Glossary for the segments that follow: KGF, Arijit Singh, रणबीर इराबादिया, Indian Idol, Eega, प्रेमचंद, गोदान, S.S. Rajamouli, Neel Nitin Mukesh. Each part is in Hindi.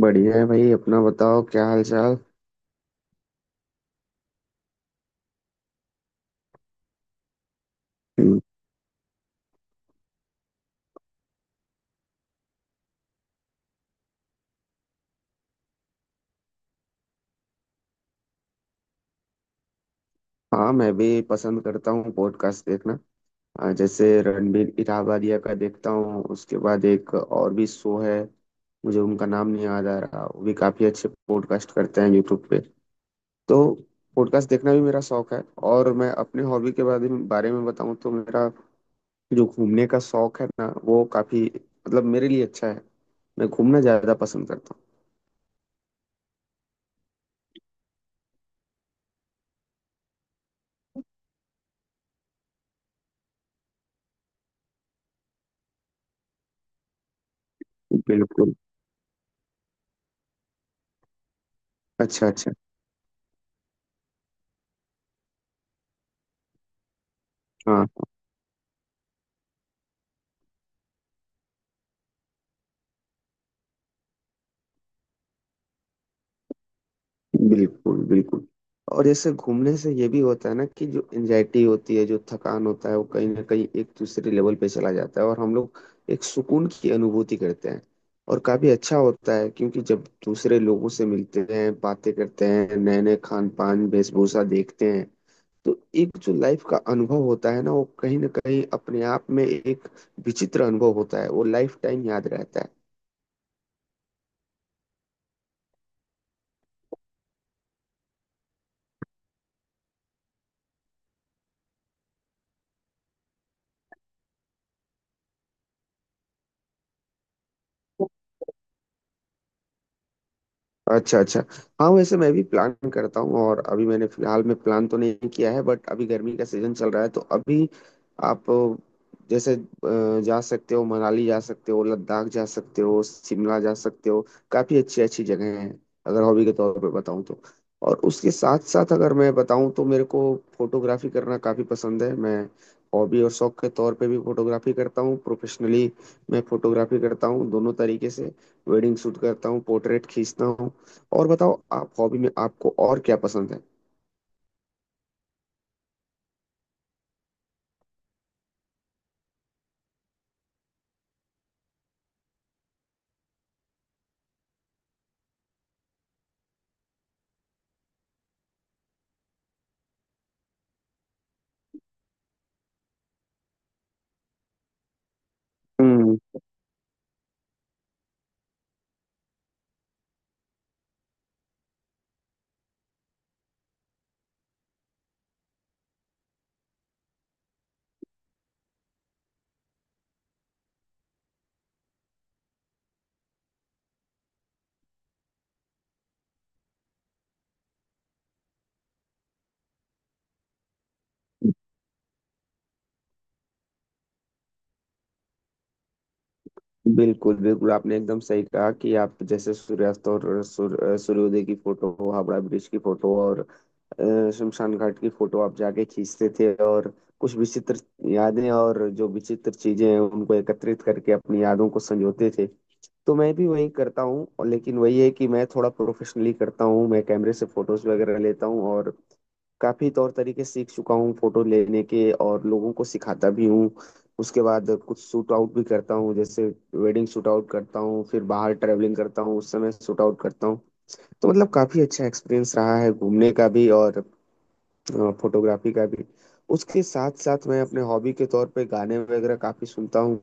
बढ़िया है भाई। अपना बताओ क्या हाल चाल। हम्म, हाँ मैं भी पसंद करता हूँ पॉडकास्ट देखना। जैसे रणबीर इराबादिया का देखता हूँ। उसके बाद एक और भी शो है, मुझे उनका नाम नहीं याद आ रहा। वो भी काफी अच्छे पॉडकास्ट करते हैं यूट्यूब पे। तो पॉडकास्ट देखना भी मेरा शौक है। और मैं अपने हॉबी के बारे में बताऊँ तो मेरा जो घूमने का शौक है ना वो काफी मतलब मेरे लिए अच्छा है। मैं घूमना ज्यादा पसंद करता हूँ। बिल्कुल। अच्छा अच्छा। हाँ, बिल्कुल बिल्कुल। और जैसे घूमने से ये भी होता है ना कि जो एंजाइटी होती है, जो थकान होता है, वो कहीं ना कहीं एक दूसरे लेवल पे चला जाता है और हम लोग एक सुकून की अनुभूति करते हैं। और काफी अच्छा होता है, क्योंकि जब दूसरे लोगों से मिलते हैं, बातें करते हैं, नए नए खान पान वेशभूषा देखते हैं, तो एक जो लाइफ का अनुभव होता है ना वो कहीं ना कहीं अपने आप में एक विचित्र अनुभव होता है। वो लाइफ टाइम याद रहता है। अच्छा अच्छा। हाँ वैसे मैं भी प्लान करता हूँ। और अभी मैंने फिलहाल में प्लान तो नहीं किया है, बट अभी गर्मी का सीजन चल रहा है तो अभी आप जैसे जा सकते हो मनाली, जा सकते हो लद्दाख, जा सकते हो शिमला जा सकते हो। काफी अच्छी अच्छी जगह हैं। अगर हॉबी के तौर पे बताऊँ तो और उसके साथ साथ अगर मैं बताऊँ तो मेरे को फोटोग्राफी करना काफी पसंद है। मैं हॉबी और शौक के तौर पे भी फोटोग्राफी करता हूँ। प्रोफेशनली मैं फोटोग्राफी करता हूँ दोनों तरीके से। वेडिंग शूट करता हूँ, पोर्ट्रेट खींचता हूँ। और बताओ आप, हॉबी में आपको और क्या पसंद है? हम्म। बिल्कुल बिल्कुल, आपने एकदम सही कहा कि आप जैसे सूर्यास्त और सूर्योदय की फोटो, हावड़ा ब्रिज की फोटो और शमशान घाट की फोटो आप जाके खींचते थे और कुछ विचित्र यादें और जो विचित्र चीजें हैं उनको एकत्रित करके अपनी यादों को संजोते थे। तो मैं भी वही करता हूँ। और लेकिन वही है कि मैं थोड़ा प्रोफेशनली करता हूँ। मैं कैमरे से फोटोज वगैरह लेता हूँ और काफी तौर तरीके सीख चुका हूँ फोटो लेने के, और लोगों को सिखाता भी हूँ। उसके बाद कुछ शूट आउट भी करता हूँ, जैसे वेडिंग शूट आउट करता हूँ, फिर बाहर ट्रैवलिंग करता हूँ उस समय शूट आउट करता हूँ। तो मतलब काफी अच्छा एक्सपीरियंस रहा है घूमने का भी और फोटोग्राफी का भी। उसके साथ साथ मैं अपने हॉबी के तौर पे गाने वगैरह काफी सुनता हूँ।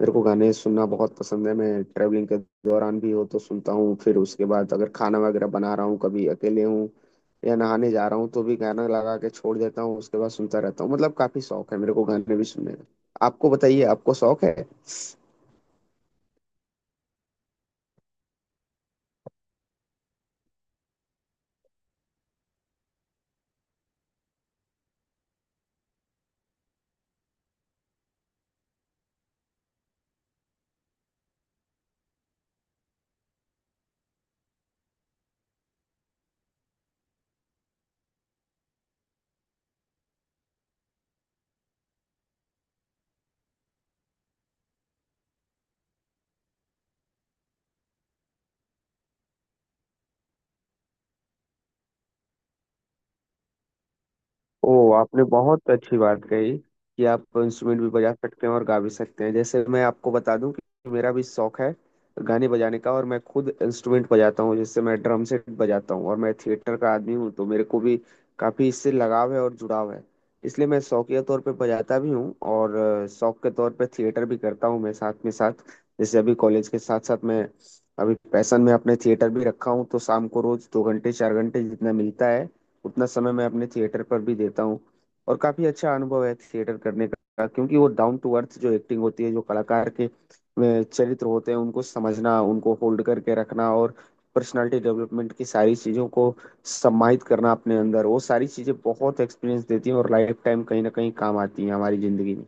मेरे को गाने सुनना बहुत पसंद है। मैं ट्रेवलिंग के दौरान भी हो तो सुनता हूँ, फिर उसके बाद अगर खाना वगैरह बना रहा हूँ, कभी अकेले हूँ या नहाने जा रहा हूँ तो भी गाना लगा के छोड़ देता हूँ, उसके बाद सुनता रहता हूँ। मतलब काफी शौक है मेरे को गाने भी सुनने का। आपको बताइए, आपको शौक है? ओ आपने बहुत अच्छी बात कही कि आप इंस्ट्रूमेंट भी बजा सकते हैं और गा भी सकते हैं। जैसे मैं आपको बता दूं कि मेरा भी शौक है गाने बजाने का, और मैं खुद इंस्ट्रूमेंट बजाता हूँ। जैसे मैं ड्रम सेट बजाता हूँ। और मैं थिएटर का आदमी हूँ तो मेरे को भी काफी इससे लगाव है और जुड़ाव है। इसलिए मैं शौकिया तौर पे बजाता भी हूँ और शौक के तौर पे थिएटर भी करता हूँ। मैं साथ में साथ जैसे अभी कॉलेज के साथ साथ मैं अभी पैशन में अपने थिएटर भी रखा हूँ। तो शाम को रोज दो घंटे चार घंटे जितना मिलता है उतना समय मैं अपने थिएटर पर भी देता हूँ। और काफी अच्छा अनुभव है थिएटर करने का, क्योंकि वो डाउन टू अर्थ जो एक्टिंग होती है, जो कलाकार के चरित्र होते हैं उनको समझना, उनको होल्ड करके रखना और पर्सनालिटी डेवलपमेंट की सारी चीजों को सम्मानित करना अपने अंदर, वो सारी चीजें बहुत एक्सपीरियंस देती हैं और लाइफ टाइम कहीं ना कहीं काम आती हैं हमारी जिंदगी में।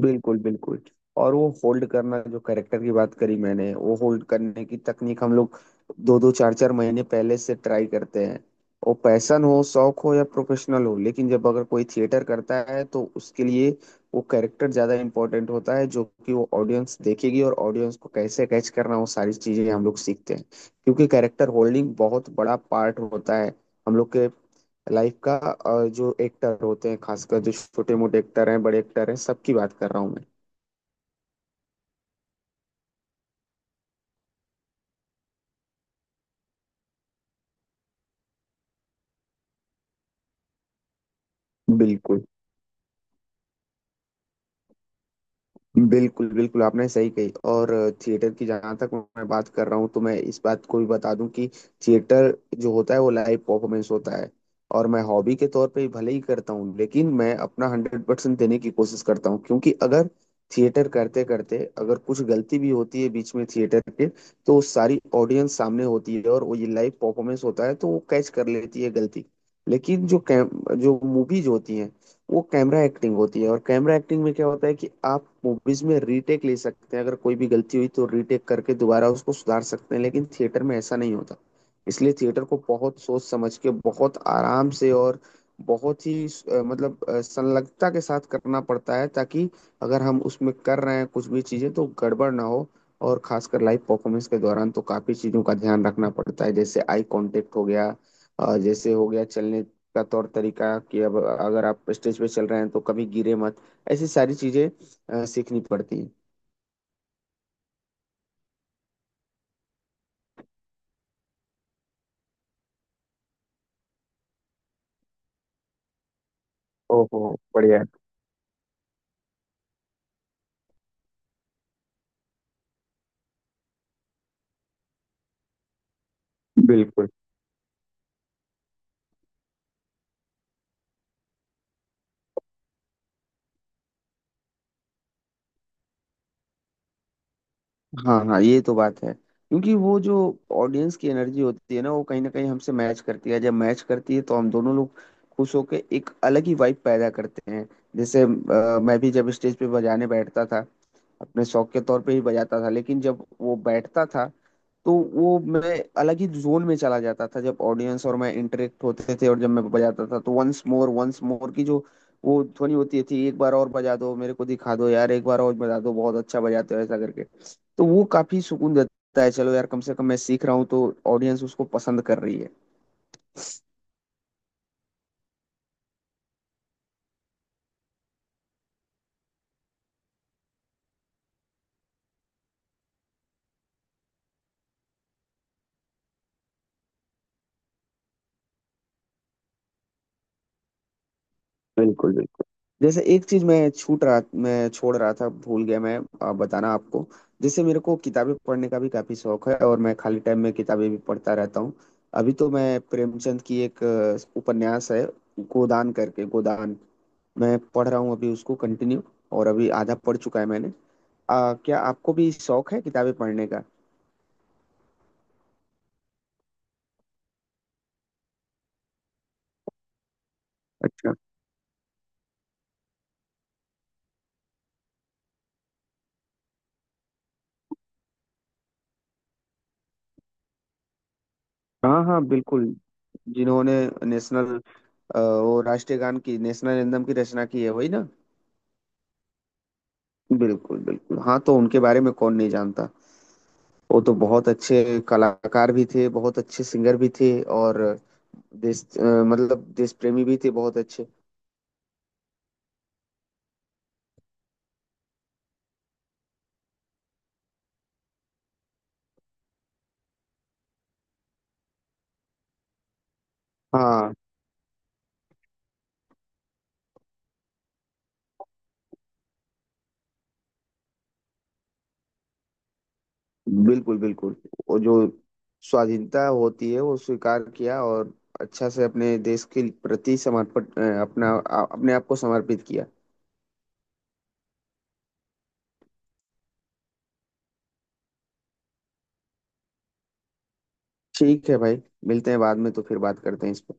बिल्कुल बिल्कुल। और वो होल्ड करना, जो कैरेक्टर की बात करी मैंने, वो होल्ड करने की तकनीक हम लोग दो दो चार चार महीने पहले से ट्राई करते हैं। वो पैशन हो, शौक हो या प्रोफेशनल हो, लेकिन जब अगर कोई थिएटर करता है तो उसके लिए वो कैरेक्टर ज्यादा इंपॉर्टेंट होता है, जो कि वो ऑडियंस देखेगी। और ऑडियंस को कैसे कैच करना, वो सारी चीजें हम लोग सीखते हैं। क्योंकि कैरेक्टर होल्डिंग बहुत बड़ा पार्ट होता है हम लोग के लाइफ का। और जो एक्टर होते हैं, खासकर जो छोटे मोटे एक्टर हैं, बड़े एक्टर हैं, सबकी बात कर रहा हूँ मैं। बिल्कुल बिल्कुल बिल्कुल, आपने सही कही। और थिएटर की जहाँ तक मैं बात कर रहा हूँ, तो मैं इस बात को भी बता दूं कि थिएटर जो होता है वो लाइव परफॉर्मेंस होता है। और मैं हॉबी के तौर पे भले ही करता हूँ लेकिन मैं अपना हंड्रेड परसेंट देने की कोशिश करता हूँ। क्योंकि अगर थिएटर करते करते अगर कुछ गलती भी होती है बीच में थिएटर के, तो वो सारी ऑडियंस सामने होती है, और वो ये लाइव परफॉर्मेंस होता है तो वो कैच कर लेती है गलती। लेकिन जो कैम, जो मूवीज होती हैं, वो कैमरा एक्टिंग होती है। और कैमरा एक्टिंग में क्या होता है कि आप मूवीज में रीटेक ले सकते हैं। अगर कोई भी गलती हुई तो रीटेक करके दोबारा उसको सुधार सकते हैं। लेकिन थिएटर में ऐसा नहीं होता। इसलिए थिएटर को बहुत सोच समझ के, बहुत आराम से और बहुत ही मतलब संलग्नता के साथ करना पड़ता है, ताकि अगर हम उसमें कर रहे हैं कुछ भी चीजें तो गड़बड़ ना हो। और खासकर लाइव परफॉर्मेंस के दौरान तो काफी चीजों का ध्यान रखना पड़ता है, जैसे आई कांटेक्ट हो गया, जैसे हो गया चलने का तौर तरीका कि अब अगर आप स्टेज पे चल रहे हैं तो कभी गिरे मत। ऐसी सारी चीजें सीखनी पड़ती हैं। ओहो, बढ़िया। बिल्कुल। हाँ हाँ, ये तो बात है, क्योंकि वो जो ऑडियंस की एनर्जी होती है ना वो कहीं ना कहीं हमसे मैच करती है। जब मैच करती है तो हम दोनों लोग खुश होके एक अलग ही वाइब पैदा करते हैं। जैसे मैं भी जब स्टेज पे बजाने बैठता था, अपने शौक के तौर पे ही बजाता था, लेकिन जब वो बैठता था तो वो मैं अलग ही जोन में चला जाता था। जब ऑडियंस और मैं इंटरेक्ट होते थे और जब मैं बजाता था तो वंस मोर की जो वो ध्वनि होती थी, एक बार और बजा दो, मेरे को दिखा दो यार, एक बार और बजा दो, बहुत अच्छा बजाते हो, ऐसा करके, तो वो काफी सुकून देता है चलो यार, कम से कम मैं सीख रहा हूँ तो ऑडियंस उसको पसंद कर रही है। बिल्कुल बिल्कुल। जैसे एक चीज मैं छूट रहा, मैं छोड़ रहा था, भूल गया मैं बताना आपको। जैसे मेरे को किताबें पढ़ने का भी काफी शौक है, और मैं खाली टाइम में किताबें भी पढ़ता रहता हूँ। अभी तो मैं प्रेमचंद की एक उपन्यास है गोदान करके, गोदान मैं पढ़ रहा हूँ अभी उसको कंटिन्यू। और अभी आधा पढ़ चुका है मैंने। क्या आपको भी शौक है किताबें पढ़ने का? अच्छा। हाँ हाँ, बिल्कुल। जिन्होंने नेशनल, वो राष्ट्रीय गान की, नेशनल एंथम की रचना की है, वही ना? बिल्कुल बिल्कुल, हाँ, तो उनके बारे में कौन नहीं जानता। वो तो बहुत अच्छे कलाकार भी थे, बहुत अच्छे सिंगर भी थे। और देश मतलब देश प्रेमी भी थे बहुत अच्छे। हाँ। बिल्कुल बिल्कुल। वो जो स्वाधीनता होती है वो स्वीकार किया, और अच्छा से अपने देश के प्रति समर्पण अपना अपने आप को समर्पित किया। ठीक है भाई, मिलते हैं बाद में, तो फिर बात करते हैं इस पर।